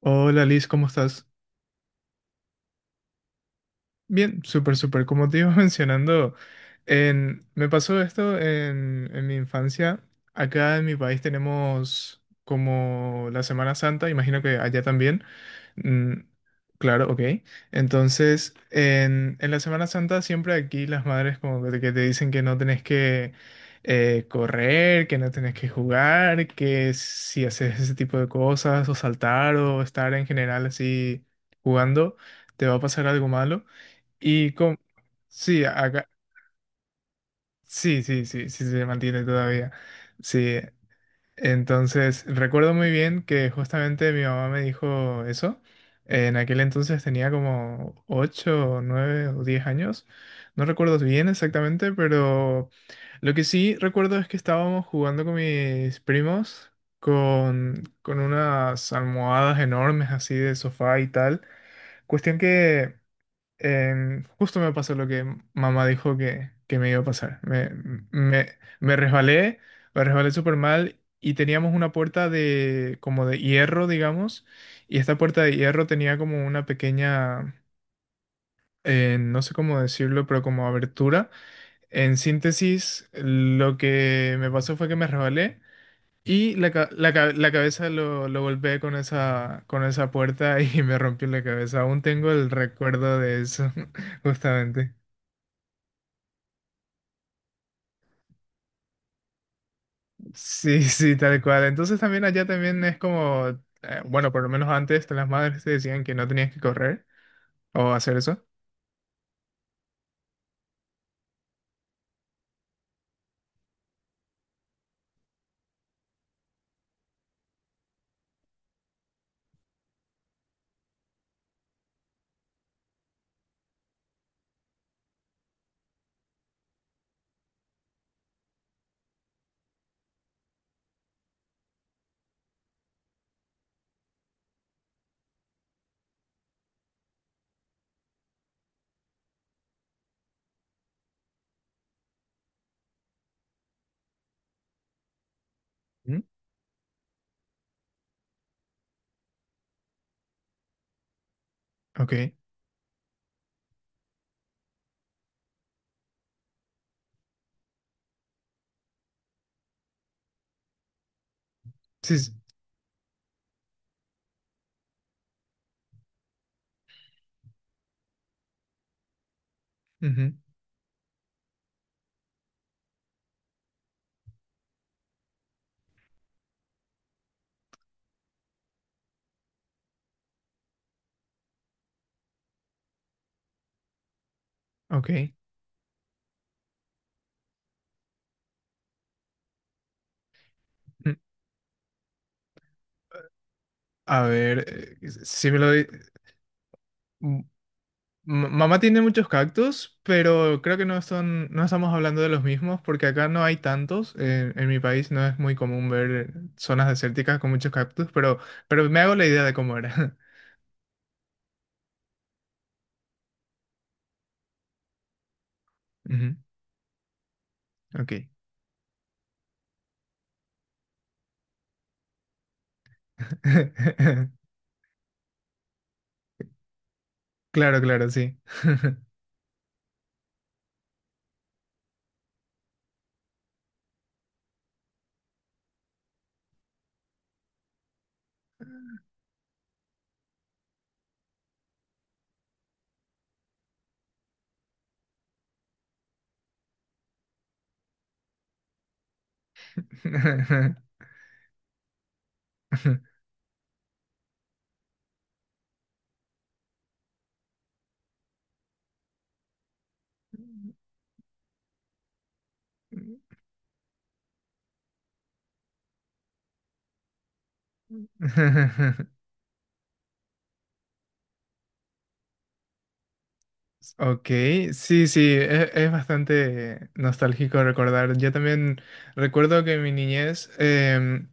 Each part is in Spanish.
Hola Liz, ¿cómo estás? Bien, súper, súper. Como te iba mencionando, me pasó esto en mi infancia. Acá en mi país tenemos como la Semana Santa, imagino que allá también. Mm, claro, ok. Entonces, en la Semana Santa siempre aquí las madres como que que te dicen que no tenés que correr, que no tenés que jugar, que si haces ese tipo de cosas o saltar o estar en general así jugando, te va a pasar algo malo. Y con... Sí, acá... Sí, sí, sí, sí se mantiene todavía. Sí. Entonces, recuerdo muy bien que justamente mi mamá me dijo eso. En aquel entonces tenía como 8, 9 o 10 años. No recuerdo bien exactamente, pero lo que sí recuerdo es que estábamos jugando con mis primos con unas almohadas enormes así de sofá y tal. Cuestión que justo me pasó lo que mamá dijo que me iba a pasar. Me, me resbalé, me resbalé súper mal y teníamos una puerta de como de hierro, digamos, y esta puerta de hierro tenía como una pequeña, no sé cómo decirlo, pero como abertura. En síntesis, lo que me pasó fue que me resbalé. La cabeza lo golpeé con con esa puerta y me rompió la cabeza. Aún tengo el recuerdo de eso, justamente. Sí, sí, tal cual. Entonces también allá también es como, bueno, por lo menos antes las madres te decían que no tenías que correr o hacer eso. ¿Mm? Ok. Sí, sí. Ujú, ok. Mm. A ver, si me lo... mm, Mamá tiene muchos cactus, pero creo que no son, no estamos hablando de los mismos porque acá no hay tantos. En mi país no es muy común ver zonas desérticas con muchos cactus, pero me hago la idea de cómo era. Ujú, ok. Claro, claro, sí. Ok, sí, sí, es, bastante nostálgico recordar. Yo también recuerdo que en mi niñez,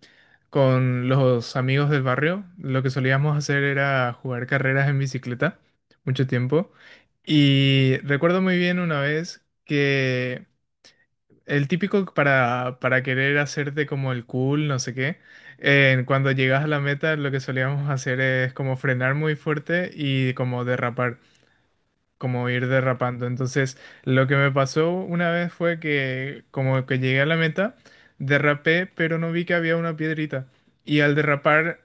con los amigos del barrio, lo que solíamos hacer era jugar carreras en bicicleta, mucho tiempo. Y recuerdo muy bien una vez que el típico para querer hacerte como el cool, no sé qué, cuando llegas a la meta, lo que solíamos hacer es como frenar muy fuerte y como derrapar como ir derrapando. Entonces, lo que me pasó una vez fue que como que llegué a la meta, derrapé, pero no vi que había una piedrita. Y al derrapar,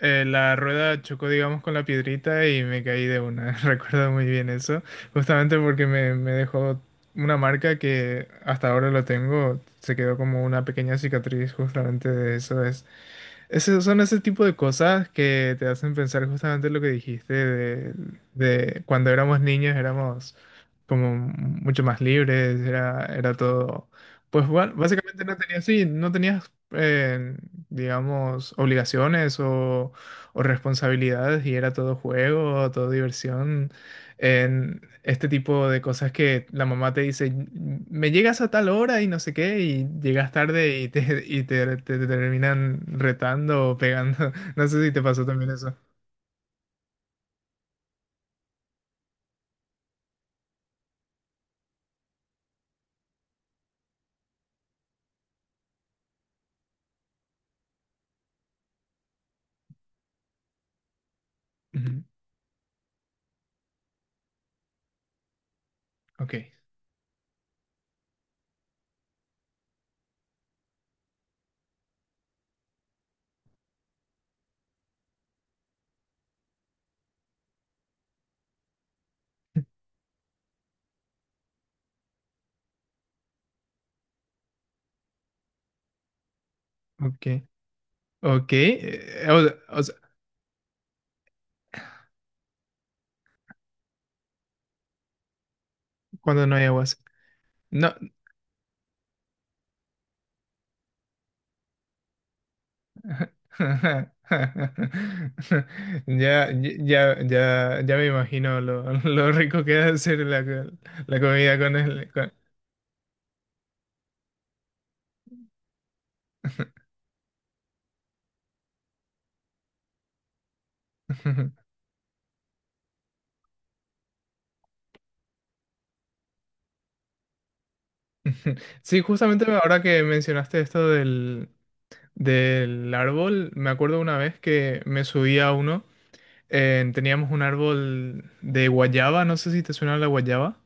la rueda chocó, digamos, con la piedrita y me caí de una. Recuerdo muy bien eso, justamente porque me dejó una marca que hasta ahora lo tengo. Se quedó como una pequeña cicatriz justamente de eso, son ese tipo de cosas que te hacen pensar justamente lo que dijiste de cuando éramos niños éramos como mucho más libres, era, era todo. Pues bueno, básicamente no tenías, sí, no tenías, digamos, obligaciones o responsabilidades y era todo juego, todo diversión en este tipo de cosas que la mamá te dice, me llegas a tal hora y no sé qué, y llegas tarde te terminan retando o pegando. No sé si te pasó también eso. Ujú. Ok, ok, ok. O sea, cuando no hay aguas. No. Ya, ya, ya, ya me imagino lo, lo rico que debe ser la comida con el... Sí, justamente ahora que mencionaste esto del, del árbol, me acuerdo una vez que me subí a uno, teníamos un árbol de guayaba, no sé si te suena la guayaba.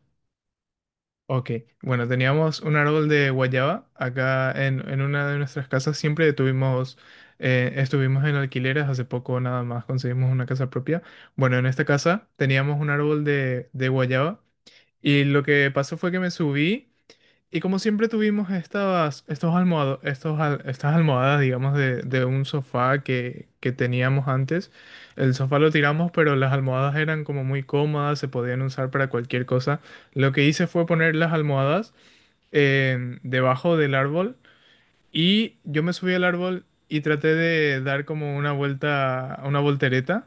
Ok, bueno, teníamos un árbol de guayaba acá en una de nuestras casas, siempre tuvimos, estuvimos en alquileres, hace poco nada más conseguimos una casa propia. Bueno, en esta casa teníamos un árbol de guayaba y lo que pasó fue que me subí. Y como siempre tuvimos estas, estos almohado- estos al- estas almohadas, digamos, de un sofá que teníamos antes, el sofá lo tiramos, pero las almohadas eran como muy cómodas, se podían usar para cualquier cosa. Lo que hice fue poner las almohadas debajo del árbol y yo me subí al árbol y traté de dar como una vuelta, una voltereta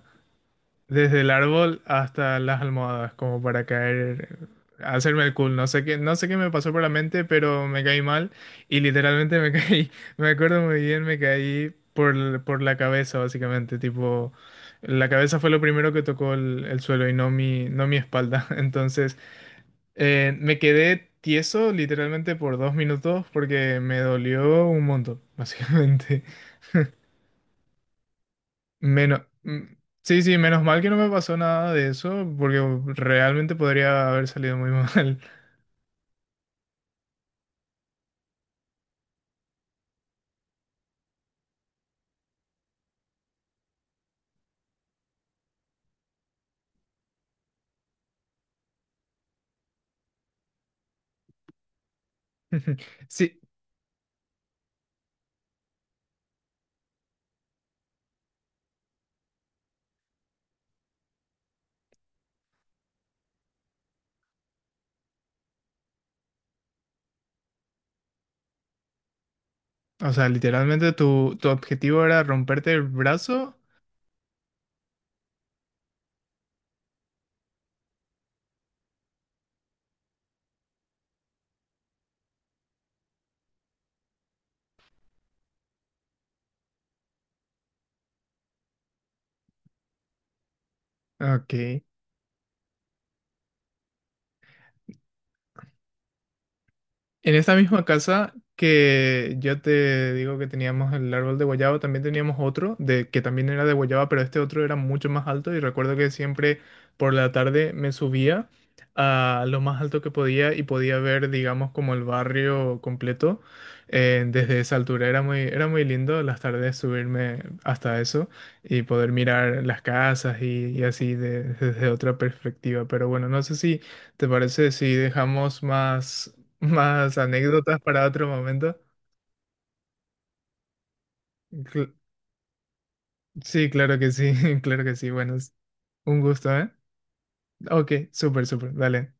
desde el árbol hasta las almohadas, como para caer, hacerme el cool. No sé qué, no sé qué me pasó por la mente, pero me caí mal y literalmente me caí. Me acuerdo muy bien, me caí por la cabeza, básicamente. Tipo, la cabeza fue lo primero que tocó el suelo y no mi, no mi espalda. Entonces, me quedé tieso literalmente por 2 minutos porque me dolió un montón, básicamente. Menos, sí, sí, menos mal que no me pasó nada de eso, porque realmente podría haber salido muy mal. Sí, o sea, literalmente tu, tu objetivo era romperte el brazo. Ok. En esta misma casa que yo te digo que teníamos el árbol de guayaba, también teníamos otro de que también era de guayaba, pero este otro era mucho más alto y recuerdo que siempre por la tarde me subía a lo más alto que podía y podía ver, digamos, como el barrio completo desde esa altura. Era muy lindo las tardes subirme hasta eso y poder mirar las casas y, desde otra perspectiva. Pero bueno, no sé si... ¿Te parece si dejamos más más anécdotas para otro momento? Cl- sí, claro que sí, claro que sí. Bueno, es un gusto, ¿eh? Ok, súper, súper. Dale.